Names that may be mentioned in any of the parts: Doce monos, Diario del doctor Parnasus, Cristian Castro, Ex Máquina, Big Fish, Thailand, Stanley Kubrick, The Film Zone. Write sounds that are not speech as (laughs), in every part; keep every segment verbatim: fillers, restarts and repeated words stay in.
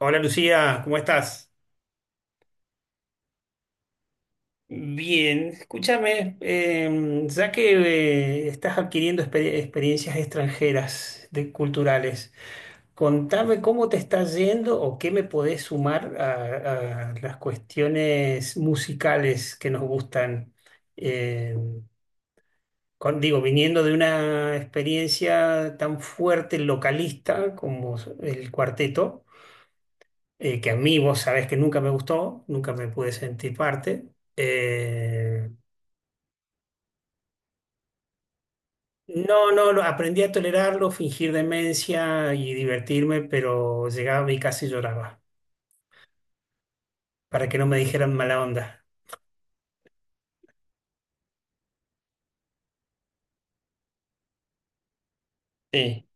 Hola Lucía, ¿cómo estás? Bien, escúchame, eh, ya que eh, estás adquiriendo exper- experiencias extranjeras de, culturales, contame cómo te está yendo o qué me podés sumar a, a las cuestiones musicales que nos gustan. Eh, con- Digo, viniendo de una experiencia tan fuerte localista como el cuarteto. Eh, que a mí vos sabés que nunca me gustó, nunca me pude sentir parte. Eh, no, no, lo- aprendí a tolerarlo, fingir demencia y divertirme, pero llegaba a mí y casi lloraba, para que no me dijeran mala onda. Sí.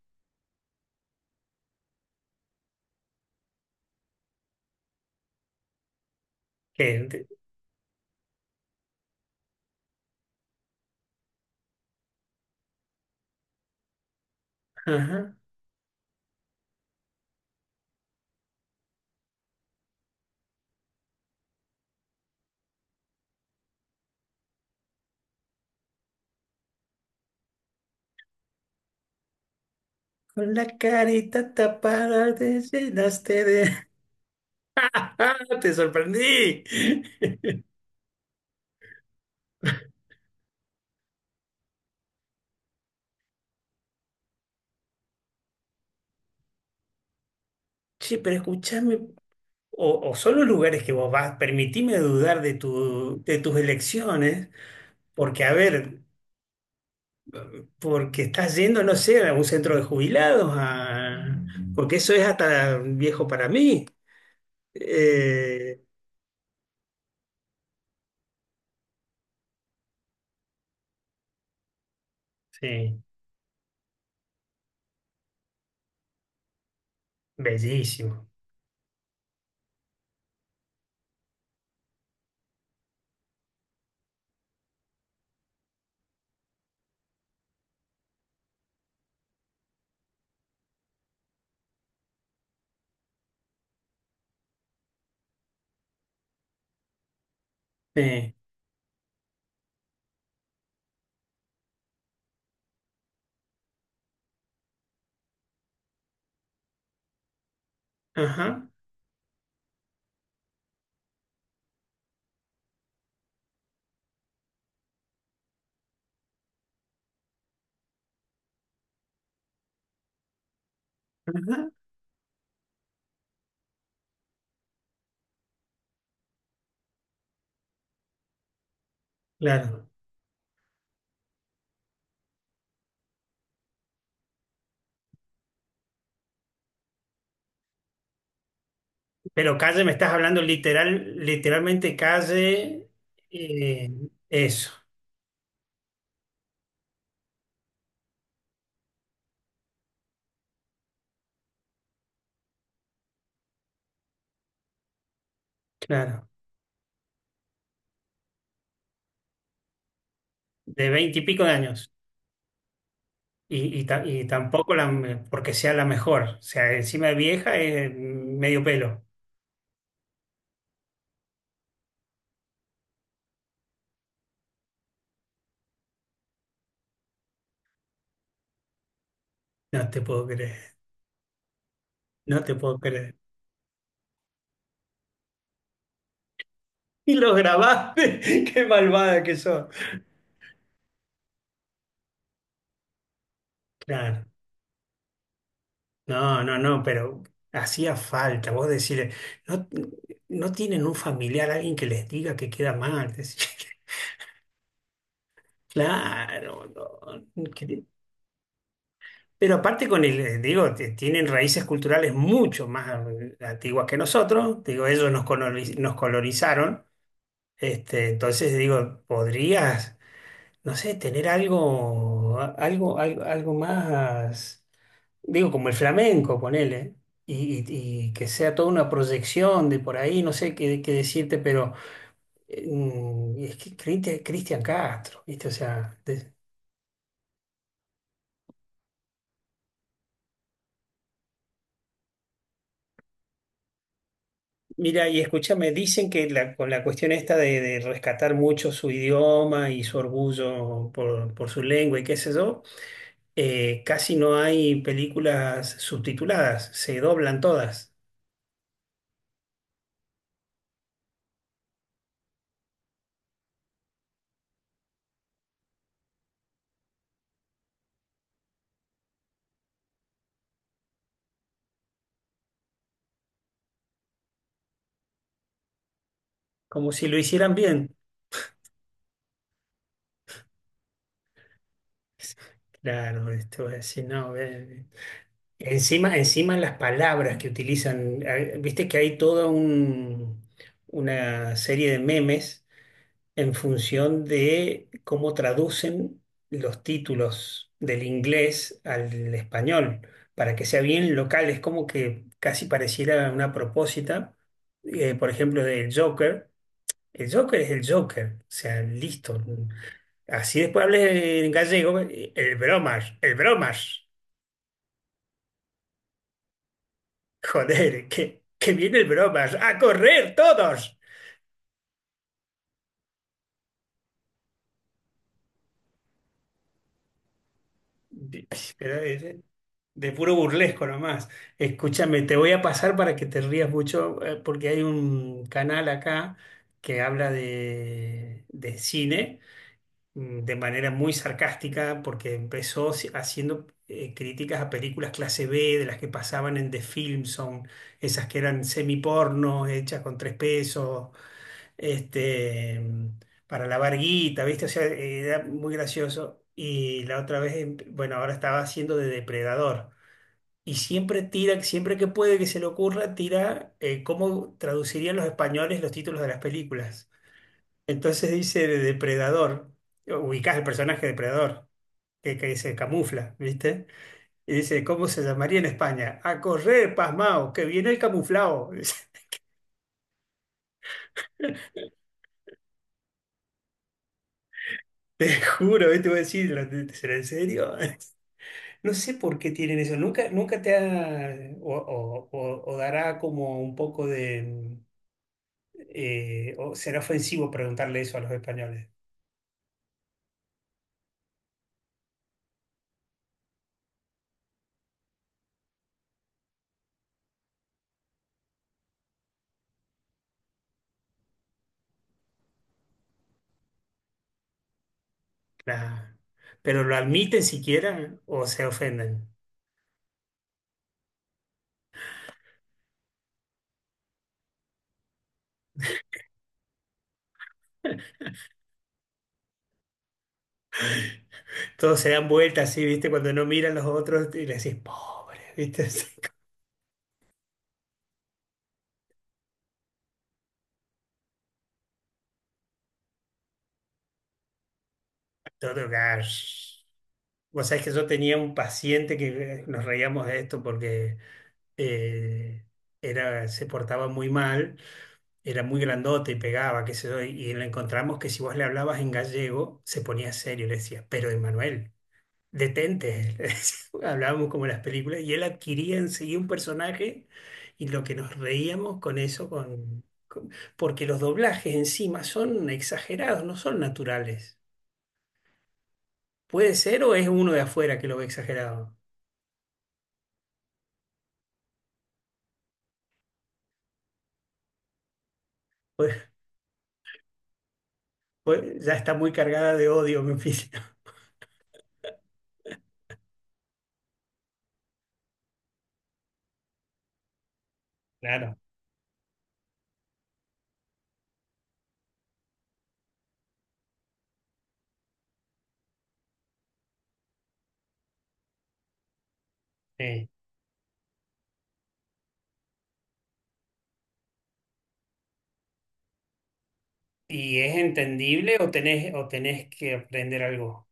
Que, de- ajá. Con la carita tapada te llenaste de... (laughs) ¡Te sorprendí! Sí, pero escúchame, o, o son los lugares que vos vas, permitime dudar de, tu, de tus elecciones, porque a ver, porque estás yendo, no sé, a un centro de jubilados, a- porque eso es hasta viejo para mí. Eh, sí, bellísimo. Eh, ajá, ajá, claro. Pero calle, me estás hablando literal, literalmente calle, eh, eso, claro, de veinte y pico de años. Y, y ta- y tampoco la, porque sea la mejor. O sea, encima de vieja es medio pelo. No te puedo creer, no te puedo creer. (laughs) Y los grabaste. (laughs) Qué malvada que sos. Claro. No, no, no, pero hacía falta. Vos decirle, no, no tienen un familiar, alguien que les diga que queda mal. Decís, (laughs) claro, no, que- pero aparte con el, eh, digo, te- tienen raíces culturales mucho más eh, antiguas que nosotros. Digo, ellos nos colori- nos colonizaron. Este, entonces digo, podrías, no sé, tener algo, algo, algo, algo más. Digo, como el flamenco, ponele, y, y- y que sea toda una proyección de por ahí, no sé qué, qué decirte, pero eh, mm, es que Cristi- Cristian Castro, ¿viste? O sea, de- mira, y escúchame, dicen que la- con la cuestión esta de, de rescatar mucho su idioma y su orgullo por, por su lengua y qué sé yo, eh, casi no hay películas subtituladas, se doblan todas, como si lo hicieran bien. Claro, esto es, si no, ve. Encima, encima las palabras que utilizan, eh, viste que hay toda un- una serie de memes en función de cómo traducen los títulos del inglés al español, para que sea bien local. Es como que casi pareciera una propósita, eh, por ejemplo, del Joker. El Joker es el Joker, o sea, listo. Así después hables en gallego, eh, el bromas, el bromas. Joder, que, que viene el bromas. ¡A correr todos! De- pero de, de puro burlesco nomás. Escúchame, te voy a pasar para que te rías mucho, eh, porque hay un canal acá que habla de, de cine mm, de manera muy sarcástica, porque empezó si- haciendo eh, críticas a películas clase B, de las que pasaban en The Film Zone, esas que eran semiporno, hechas con tres pesos este, mm, para lavar guita, ¿viste? O sea, era muy gracioso. Y la otra vez, em- bueno, ahora estaba haciendo de depredador. Y siempre tira, siempre que puede que se le ocurra, tira eh, cómo traducirían los españoles los títulos de las películas. Entonces dice de depredador, ubicás el personaje depredador, que, que se camufla, ¿viste? Y dice, ¿cómo se llamaría en España? A correr, pasmao, que viene el camuflao. (laughs) Te juro, ¿viste? Voy a decir, ¿será ¿en serio? (laughs) No sé por qué tienen eso. Nunca, nunca te ha, o, o- o- o dará como un poco de, eh, o será ofensivo preguntarle eso a los españoles. La- pero lo admiten siquiera o se ofenden. (laughs) Todos se dan vueltas así, ¿viste? Cuando no miran los otros y le decís, pobre, ¿viste? (laughs) Todo gas. Vos sabés que yo tenía un paciente que eh, nos reíamos de esto porque eh, era, se portaba muy mal, era muy grandote y pegaba, qué sé yo, y le encontramos que si vos le hablabas en gallego, se ponía serio y le decía, pero Emanuel, detente. (laughs) Le decía. Hablábamos como en las películas y él adquiría enseguida un personaje y lo que nos reíamos con eso, con, con- porque los doblajes encima son exagerados, no son naturales. Puede ser o es uno de afuera que lo ve exagerado. Pues, pues, ya está muy cargada de odio me oficio. (laughs) Claro. Sí. ¿Y es entendible o tenés, o tenés que aprender algo?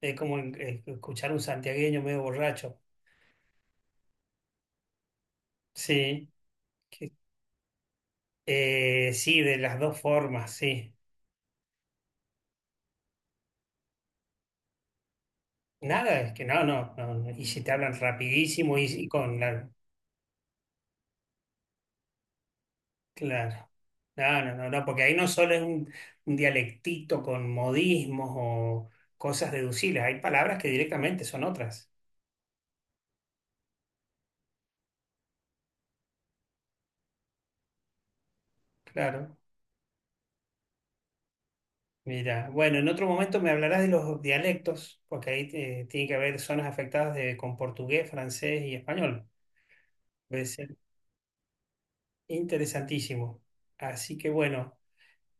Es como en- eh, escuchar un santiagueño medio borracho. Sí. Que- eh, sí, de las dos formas, sí. Nada, es que no, no, no, no. Y si te hablan rapidísimo y, y con la... Claro. No, no, no, no, porque ahí no solo es un, un dialectito con modismos o cosas deducibles, hay palabras que directamente son otras. Claro. Mira, bueno, en otro momento me hablarás de los dialectos, porque ahí eh, tiene que haber zonas afectadas de, con portugués, francés y español. Interesantísimo. Así que bueno,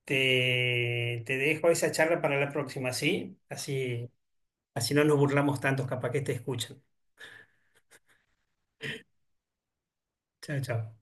te, te dejo esa charla para la próxima, ¿sí? Así, así no nos burlamos tantos, capaz que te escuchan. Chao, chao.